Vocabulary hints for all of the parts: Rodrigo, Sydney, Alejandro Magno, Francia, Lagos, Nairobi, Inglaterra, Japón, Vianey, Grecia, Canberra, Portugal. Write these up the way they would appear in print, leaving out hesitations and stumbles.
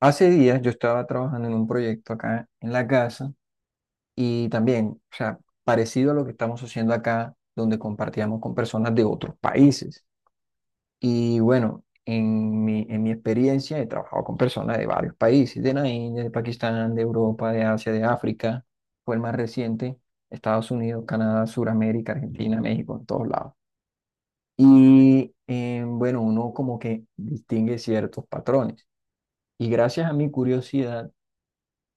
Hace días yo estaba trabajando en un proyecto acá en la casa y también, o sea, parecido a lo que estamos haciendo acá, donde compartíamos con personas de otros países. Y bueno, en mi experiencia he trabajado con personas de varios países, de la India, de Pakistán, de Europa, de Asia, de África. Fue el más reciente, Estados Unidos, Canadá, Suramérica, Argentina, México, en todos lados. Y bueno, uno como que distingue ciertos patrones. Y gracias a mi curiosidad,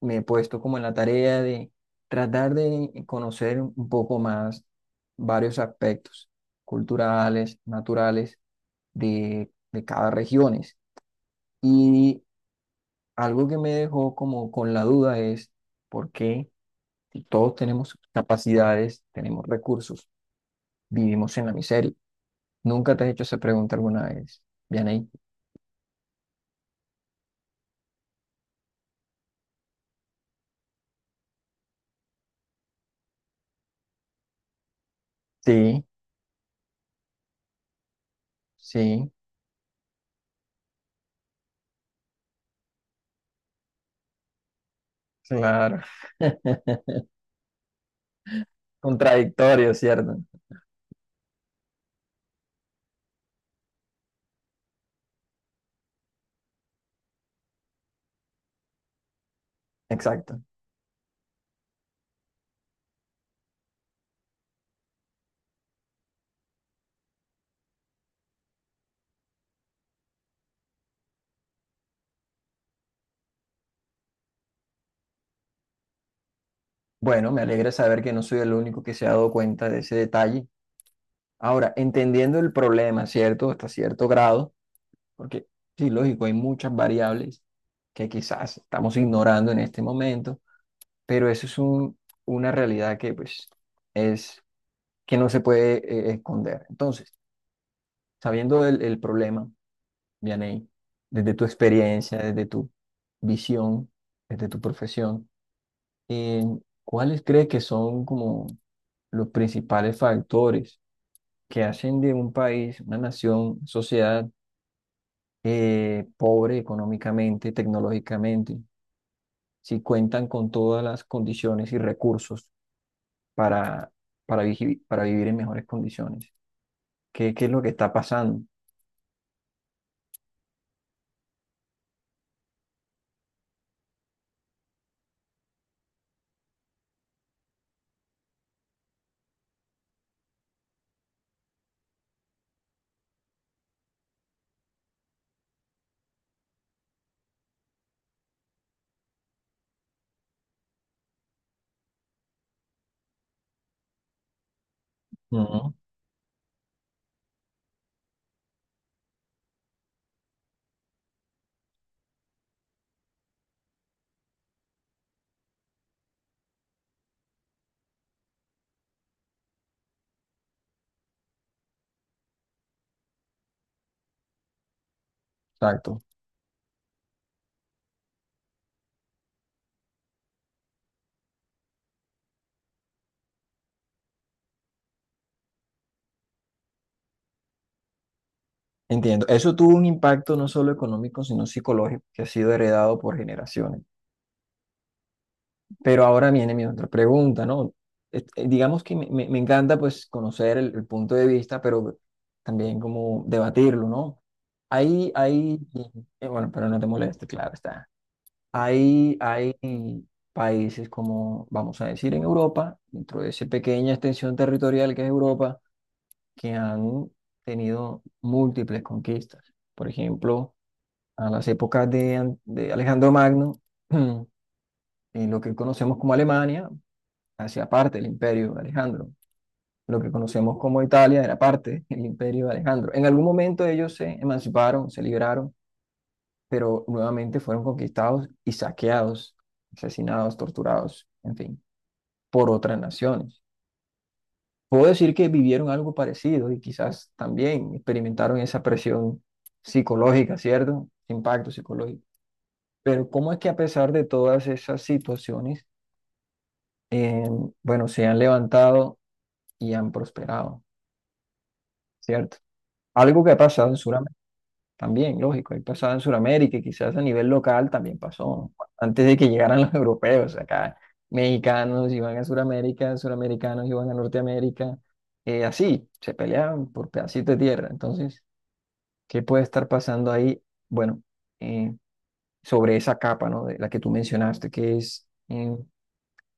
me he puesto como en la tarea de tratar de conocer un poco más varios aspectos culturales, naturales de cada regiones. Y algo que me dejó como con la duda es por qué si todos tenemos capacidades, tenemos recursos, vivimos en la miseria. ¿Nunca te has hecho esa pregunta alguna vez, Vianey? Sí, sí, claro. Contradictorio, ¿cierto? Exacto. Bueno, me alegra saber que no soy el único que se ha dado cuenta de ese detalle. Ahora, entendiendo el problema, ¿cierto? Hasta cierto grado, porque sí, lógico, hay muchas variables que quizás estamos ignorando en este momento, pero una realidad que pues es que no se puede esconder. Entonces, sabiendo el problema, Vianey, desde tu experiencia, desde tu visión, desde tu profesión, Eh, ¿cuáles cree que son como los principales factores que hacen de un país, una nación, sociedad pobre económicamente, tecnológicamente, si cuentan con todas las condiciones y recursos para, para vivir en mejores condiciones? ¿Qué, qué es lo que está pasando? Ujú. Exacto. Entiendo. Eso tuvo un impacto no solo económico, sino psicológico, que ha sido heredado por generaciones. Pero ahora viene mi otra pregunta, ¿no? Digamos que me encanta pues conocer el punto de vista, pero también como debatirlo, ¿no? Hay, hay, bueno, pero no te moleste, claro está. Hay países como, vamos a decir, en Europa, dentro de esa pequeña extensión territorial que es Europa, que han tenido múltiples conquistas. Por ejemplo, a las épocas de Alejandro Magno, en lo que conocemos como Alemania, hacia parte del imperio de Alejandro. Lo que conocemos como Italia era parte del imperio de Alejandro. En algún momento ellos se emanciparon, se liberaron, pero nuevamente fueron conquistados y saqueados, asesinados, torturados, en fin, por otras naciones. Puedo decir que vivieron algo parecido y quizás también experimentaron esa presión psicológica, ¿cierto? Impacto psicológico. Pero ¿cómo es que a pesar de todas esas situaciones, eh, bueno, se han levantado y han prosperado, ¿cierto? Algo que ha pasado en Sudamérica también, lógico, ha pasado en Sudamérica y quizás a nivel local también pasó, ¿no? Antes de que llegaran los europeos, acá mexicanos iban a Sudamérica, suramericanos iban a Norteamérica, así, se peleaban por pedacitos de tierra. Entonces, ¿qué puede estar pasando ahí? Bueno, eh, sobre esa capa, ¿no? De la que tú mencionaste, que es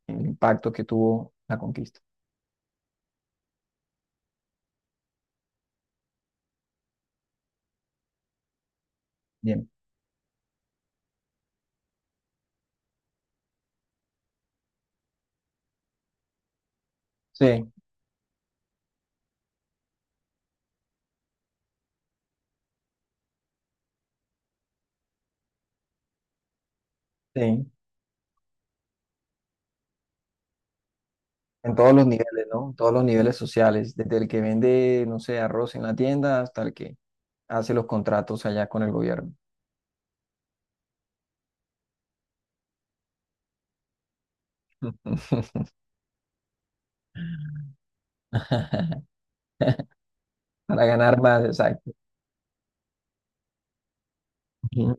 el impacto que tuvo la conquista. Bien. Sí, sí. En todos los niveles, ¿no? En todos los niveles sociales, desde el que vende, no sé, arroz en la tienda hasta el que hace los contratos allá con el gobierno. Para ganar más, exacto. Ujú.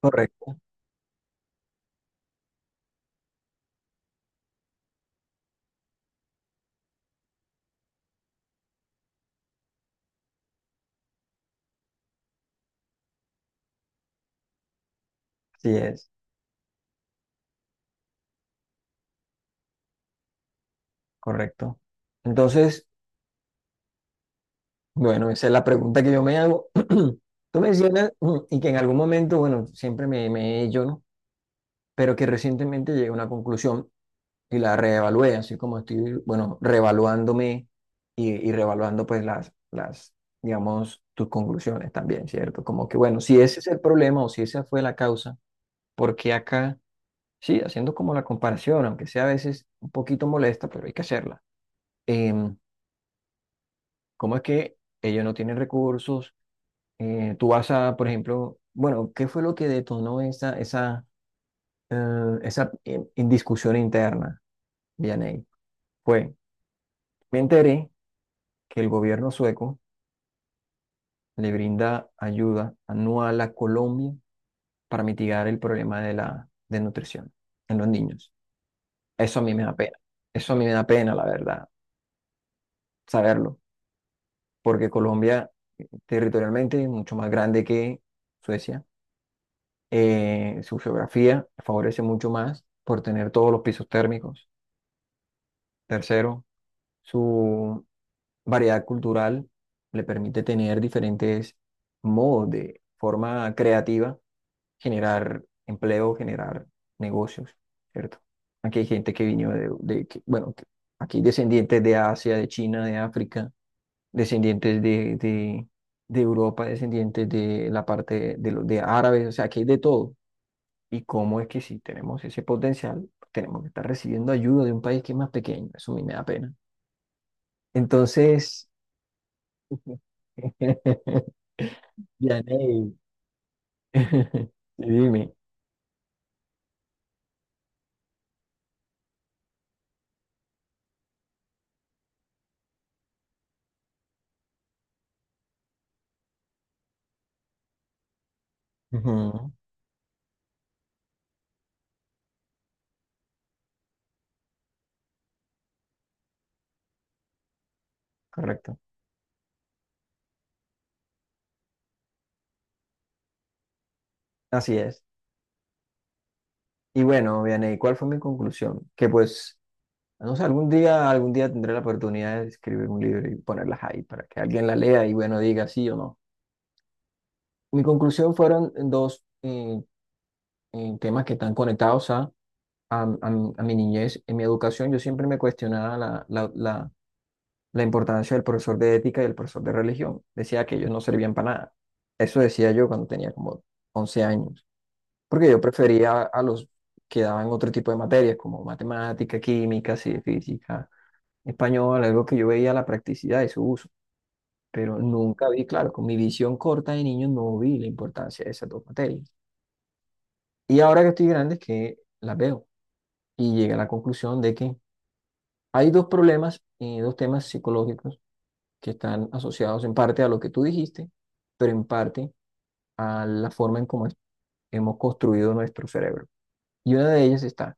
Correcto, sí es, correcto. Entonces, bueno, esa es la pregunta que yo me hago. Tú mencionas, y que en algún momento, bueno, siempre me he hecho, ¿no? Pero que recientemente llegué a una conclusión y la reevalué, así como estoy, bueno, reevaluándome y reevaluando pues digamos, tus conclusiones también, ¿cierto? Como que, bueno, si ese es el problema o si esa fue la causa, porque acá, sí, haciendo como la comparación, aunque sea a veces un poquito molesta, pero hay que hacerla. Em, ¿Cómo es que ellos no tienen recursos? Tú vas a, por ejemplo, bueno, ¿qué fue lo que detonó esa, esa, esa indiscusión interna, Vianey? Fue, me enteré que el gobierno sueco le brinda ayuda anual a Colombia para mitigar el problema de la desnutrición en los niños. Eso a mí me da pena. Eso a mí me da pena, la verdad, saberlo, porque Colombia territorialmente es mucho más grande que Suecia. Su geografía favorece mucho más por tener todos los pisos térmicos. Tercero, su variedad cultural le permite tener diferentes modos de forma creativa generar empleo, generar negocios, ¿cierto? Aquí hay gente que vino bueno, aquí descendientes de Asia, de China, de África, descendientes de Europa, descendientes de la parte de, los de árabes, o sea, aquí hay de todo. ¿Y cómo es que si tenemos ese potencial, tenemos que estar recibiendo ayuda de un país que es más pequeño? Eso a mí me da pena. Entonces, Yanei, dime. Ujú. Correcto. Así es. Y bueno, Vianey, ¿cuál fue mi conclusión? Que pues, no sé, algún día tendré la oportunidad de escribir un libro y ponerlas ahí para que alguien la lea y bueno, diga sí o no. Mi conclusión fueron dos temas que están conectados a mi niñez. En mi educación yo siempre me cuestionaba la importancia del profesor de ética y el profesor de religión. Decía que ellos no servían para nada. Eso decía yo cuando tenía como 11 años. Porque yo prefería a los que daban otro tipo de materias, como matemática, química, sí, física, español, algo que yo veía la practicidad de su uso, pero nunca vi, claro, con mi visión corta de niño no vi la importancia de esas dos materias. Y ahora que estoy grande es que las veo y llegué a la conclusión de que hay dos problemas, dos temas psicológicos que están asociados en parte a lo que tú dijiste, pero en parte a la forma en hemos construido nuestro cerebro. Y una de ellas está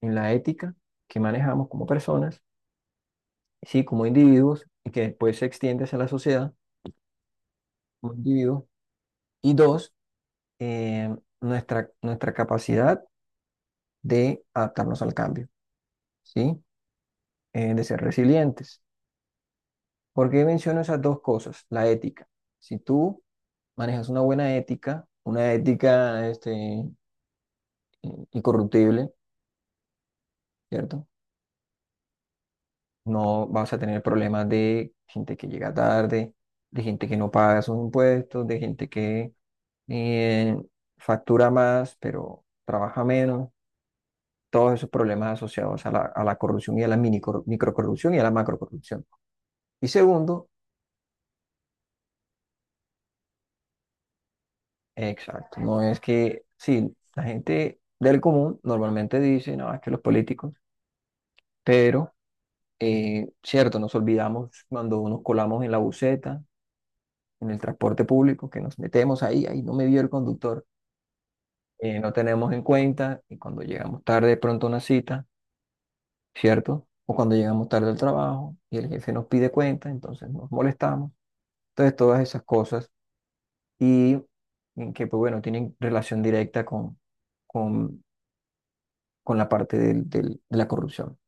en la ética que manejamos como personas, sí, como individuos, y que después se extiende hacia la sociedad como individuos. Y dos, eh, nuestra capacidad de adaptarnos al cambio, ¿sí? De ser resilientes. ¿Por qué menciono esas dos cosas? La ética. Si tú manejas una buena ética, una ética este, incorruptible, ¿cierto? No vas a tener problemas de gente que llega tarde, de gente que no paga sus impuestos, de gente que eh, factura más, pero trabaja menos. Todos esos problemas asociados a la corrupción y a la microcorrupción y a la macrocorrupción. Y segundo, exacto, no es que, sí, la gente del común normalmente dice, no, es que los políticos, pero, cierto, nos olvidamos cuando nos colamos en la buseta, en el transporte público, que nos metemos ahí, ahí no me vio el conductor. Eh, no tenemos en cuenta y cuando llegamos tarde de pronto a una cita, ¿cierto? O cuando llegamos tarde al trabajo y el jefe nos pide cuenta, entonces nos molestamos. Entonces, todas esas cosas y en que, pues bueno, tienen relación directa con, con la parte de la corrupción.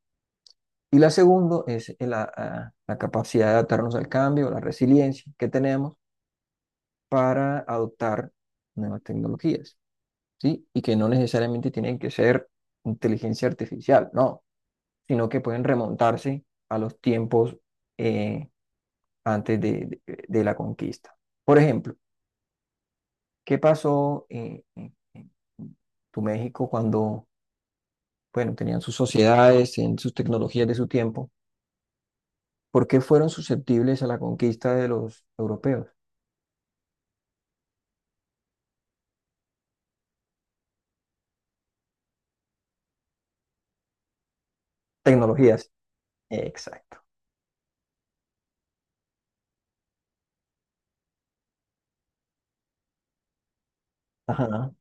Y la segunda es la capacidad de adaptarnos al cambio, la resiliencia que tenemos para adoptar nuevas tecnologías, ¿sí? Y que no necesariamente tienen que ser inteligencia artificial, no, sino que pueden remontarse a los tiempos eh, antes de la conquista. Por ejemplo, ¿qué pasó en tu México cuando, bueno, tenían sus sociedades, en sus tecnologías de su tiempo? ¿Por qué fueron susceptibles a la conquista de los europeos? Tecnologías. Exacto. Ajá.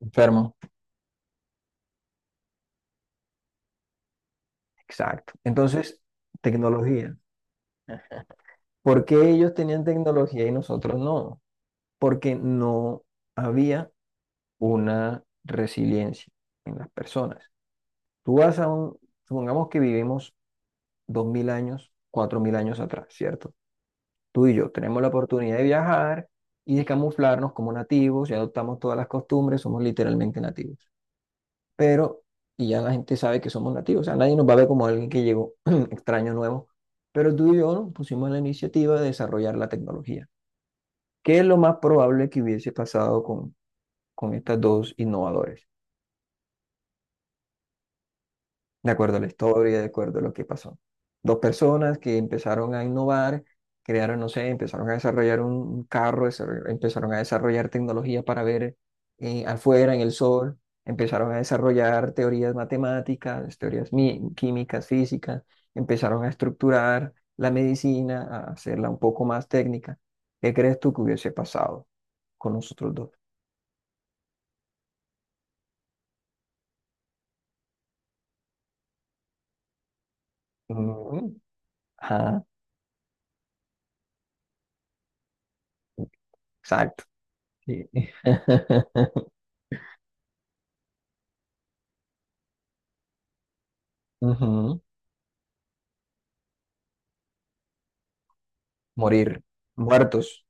Enfermo. Exacto. Entonces, tecnología. ¿Por qué ellos tenían tecnología y nosotros no? Porque no había una resiliencia en las personas. Tú vas a un, supongamos que vivimos 2000 años, 4000 años atrás, ¿cierto? Tú y yo tenemos la oportunidad de viajar y de camuflarnos como nativos, ya adoptamos todas las costumbres, somos literalmente nativos. Pero, y ya la gente sabe que somos nativos, o sea, nadie nos va a ver como alguien que llegó extraño nuevo. Pero tú y yo nos pusimos la iniciativa de desarrollar la tecnología. ¿Qué es lo más probable que hubiese pasado con estas dos innovadores? De acuerdo a la historia, de acuerdo a lo que pasó. Dos personas que empezaron a innovar, crearon, no sé, empezaron a desarrollar un carro, empezaron a desarrollar tecnología para ver afuera en el sol, empezaron a desarrollar teorías matemáticas, teorías químicas, físicas, empezaron a estructurar la medicina, a hacerla un poco más técnica. ¿Qué crees tú que hubiese pasado con nosotros dos? Mm, Ajá, exacto. Sí. Ujú. Morir muertos.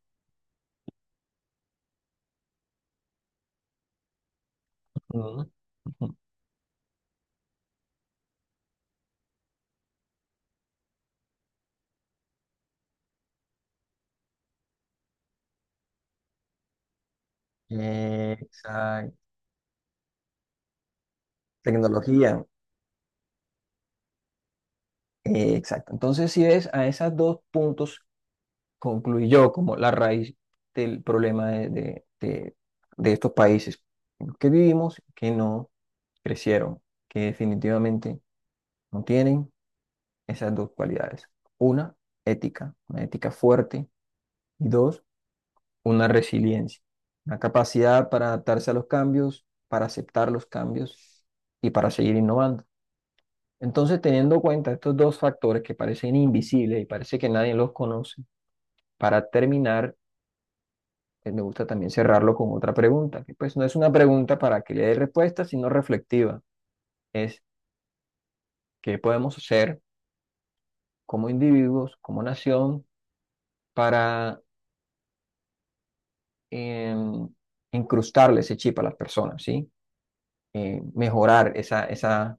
Ujú. Ujú. Exacto. Tecnología. Exacto. Entonces, si ves, a esos dos puntos concluyó como la raíz del problema de estos países en los que vivimos, que no crecieron, que definitivamente no tienen esas dos cualidades. Una, una ética fuerte, y dos, una resiliencia, una capacidad para adaptarse a los cambios, para aceptar los cambios y para seguir innovando. Entonces, teniendo en cuenta estos dos factores que parecen invisibles y parece que nadie los conoce, para terminar, me gusta también cerrarlo con otra pregunta, que pues no es una pregunta para que le dé respuesta, sino reflexiva. Es qué podemos hacer como individuos, como nación, para em, incrustarle ese chip a las personas, ¿sí? Mejorar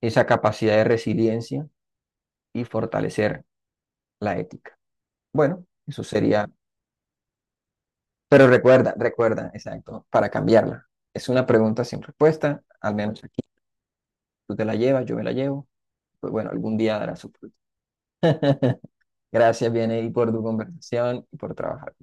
esa capacidad de resiliencia y fortalecer la ética. Bueno, eso sería, pero recuerda, exacto, para cambiarla. Es una pregunta sin respuesta, al menos aquí. Tú te la llevas, yo me la llevo. Pues bueno, algún día dará su fruto. Gracias, Bieney, por tu conversación y por trabajar.